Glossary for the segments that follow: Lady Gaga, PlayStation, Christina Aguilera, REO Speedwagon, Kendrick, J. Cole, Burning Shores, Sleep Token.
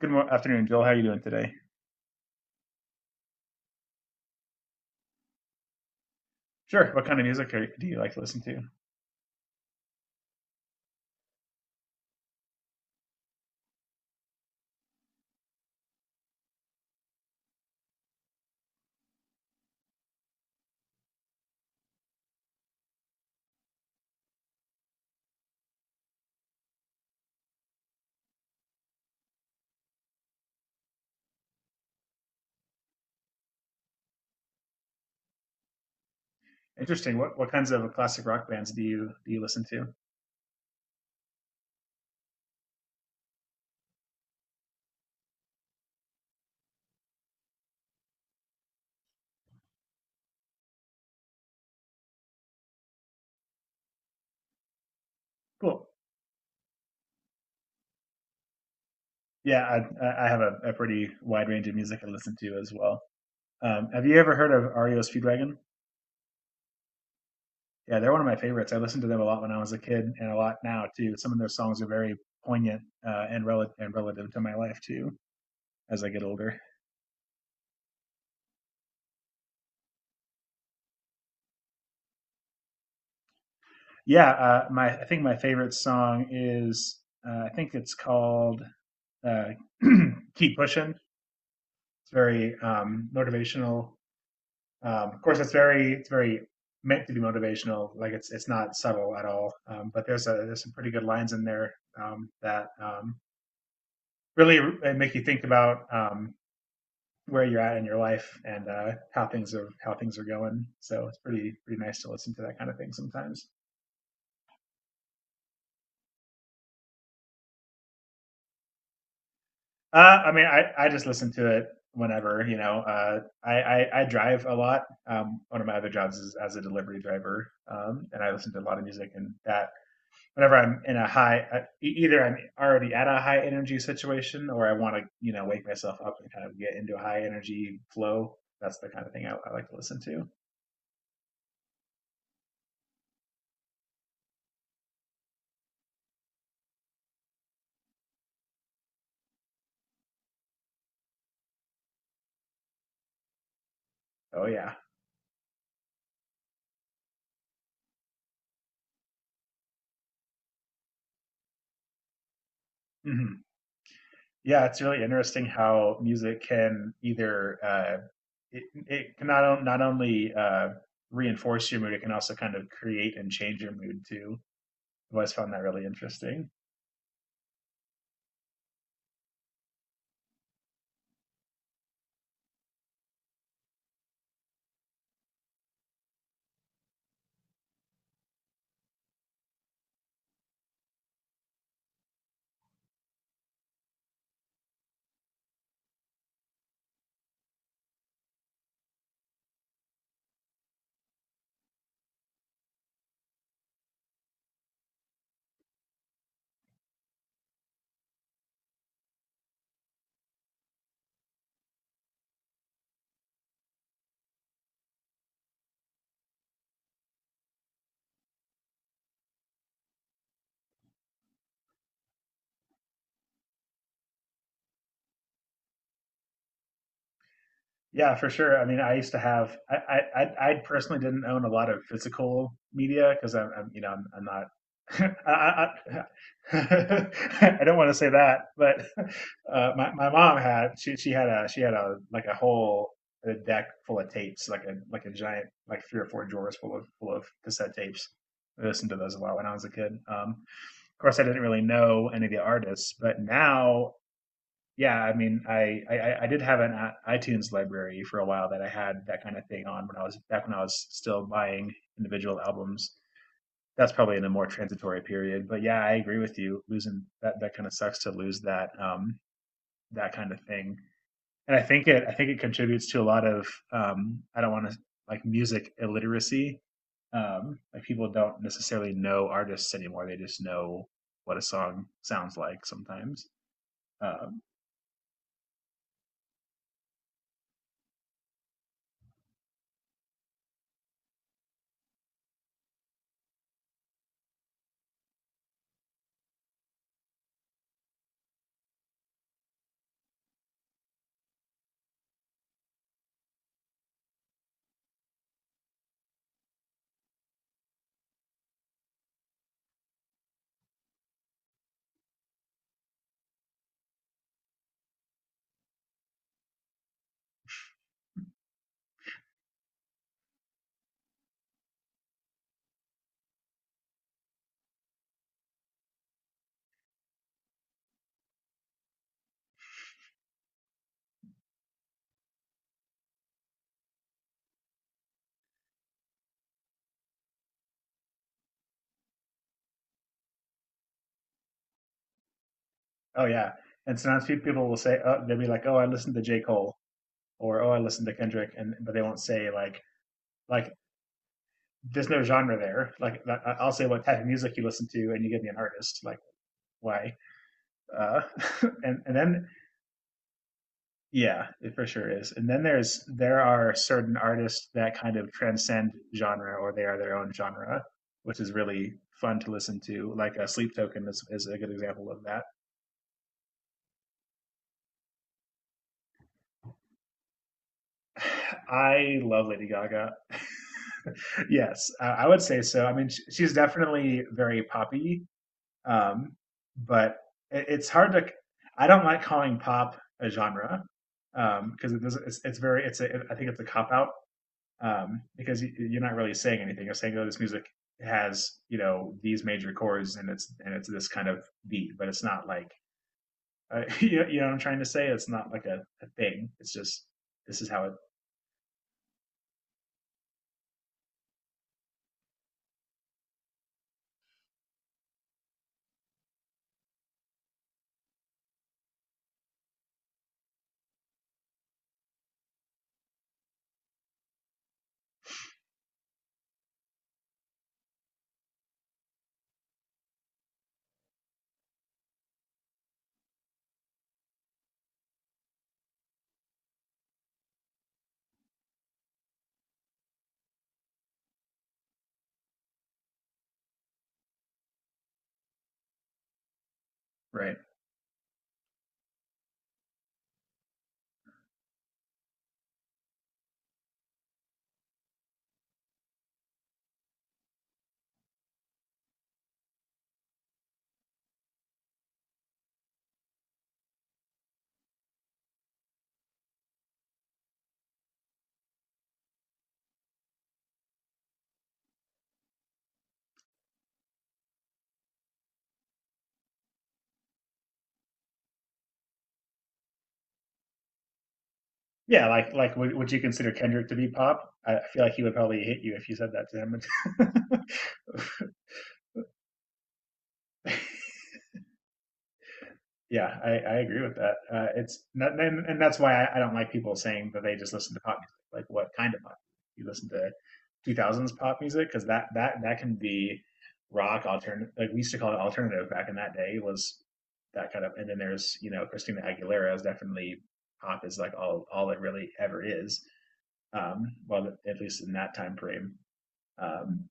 Good afternoon, Joel. How are you doing today? Sure. What kind of music do you like to listen to? Interesting. What kinds of classic rock bands do you listen to? Cool. Yeah, I have a pretty wide range of music I listen to as well. Have you ever heard of REO Speedwagon? Yeah, they're one of my favorites. I listened to them a lot when I was a kid, and a lot now too. Some of their songs are very poignant and relative to my life too as I get older. Yeah, my I think my favorite song is I think it's called uh, "Keep Pushing." It's very motivational. Of course, it's very meant to be motivational. Like it's not subtle at all. But there's a there's some pretty good lines in there that really make you think about where you're at in your life and how things are going. So it's pretty nice to listen to that kind of thing sometimes. I mean, I just listen to it whenever, you know. I drive a lot. One of my other jobs is as a delivery driver, and I listen to a lot of music, and that whenever I'm in a either I'm already at a high energy situation or I want to, you know, wake myself up and kind of get into a high energy flow. That's the kind of thing I like to listen to. Oh, yeah. Hmm. Yeah, it's really interesting how music can it can not only reinforce your mood, it can also kind of create and change your mood too. I've always found that really interesting. Yeah, for sure. I mean, I used to have. I personally didn't own a lot of physical media because I'm you know I'm not. I, I, I I don't want to say that, but my mom had she had a like a whole a deck full of tapes, like a giant, like three or four drawers full of cassette tapes. I listened to those a lot when I was a kid. Of course, I didn't really know any of the artists, but now, yeah, I mean, did have an iTunes library for a while that I had that kind of thing on, when I was back when I was still buying individual albums. That's probably in a more transitory period, but yeah, I agree with you. Losing that kind of sucks to lose that that kind of thing, and I think it contributes to a lot of, I don't want to, like, music illiteracy. Like people don't necessarily know artists anymore; they just know what a song sounds like sometimes. Um, Oh yeah, and sometimes people will say, oh, they'll be like, "Oh, I listened to J. Cole," or "Oh, I listened to Kendrick," and but they won't say like there's no genre there. Like, I'll say, what type of music you listen to, and you give me an artist. Like, why? Uh, and then yeah, it for sure is. And then there are certain artists that kind of transcend genre, or they are their own genre, which is really fun to listen to. Like a Sleep Token is a good example of that. I love Lady Gaga. Yes, I would say so. I mean, she's definitely very poppy, um, but it's hard to. I don't like calling pop a genre because it doesn't. It's very. It's. A, I think it's a cop out, because you're not really saying anything. You're saying, "Oh, this music has, you know, these major chords and it's this kind of beat," but it's not like, you know what I'm trying to say. It's not like a thing. It's just this is how it. Right. Yeah, like, would you consider Kendrick to be pop? I feel like he would probably hit you if you said that to him. Yeah, I agree with that. It's not, and that's why I don't like people saying that they just listen to pop music. Like what kind of pop? You listen to 2000s pop music because that can be rock alternative. Like we used to call it alternative back in that day, was that kind of. And then there's, you know, Christina Aguilera is definitely pop, is like all it really ever is. Well, at least in that time frame. Um,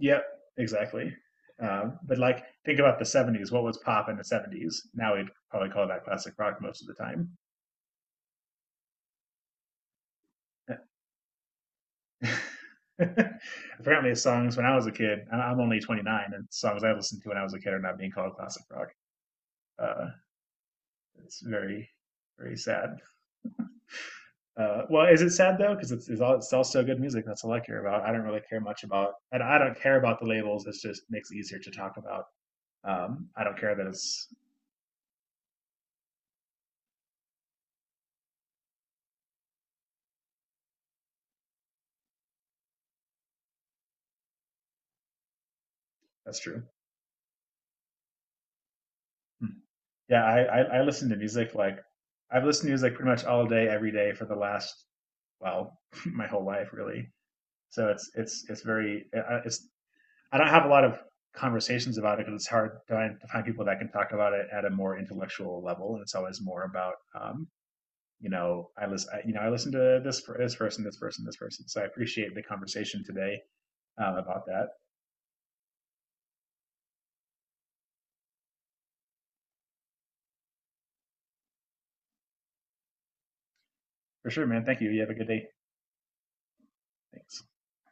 Yep, exactly. But like, think about the '70s. What was pop in the '70s? Now we'd probably call that classic rock most of the time. Apparently, songs when I was a kid. Am only 29, and songs I listened to when I was a kid are not being called classic rock. Uh, it's very sad. Well, is it sad though? Because it's all still good music. That's all I care about. I don't really care much about, and I don't care about the labels. It's just makes it easier to talk about. I don't care that it's that's true. Hmm. Yeah, I listen to music, like, I've listened to music pretty much all day, every day for the last, well, my whole life really. So it's very, it's, I don't have a lot of conversations about it because it's hard to find people that can talk about it at a more intellectual level, and it's always more about, um, you know, I, you know, I listen to this person, this person, this person. So I appreciate the conversation today, about that. For sure, man. Thank you. You have a good day. Thanks.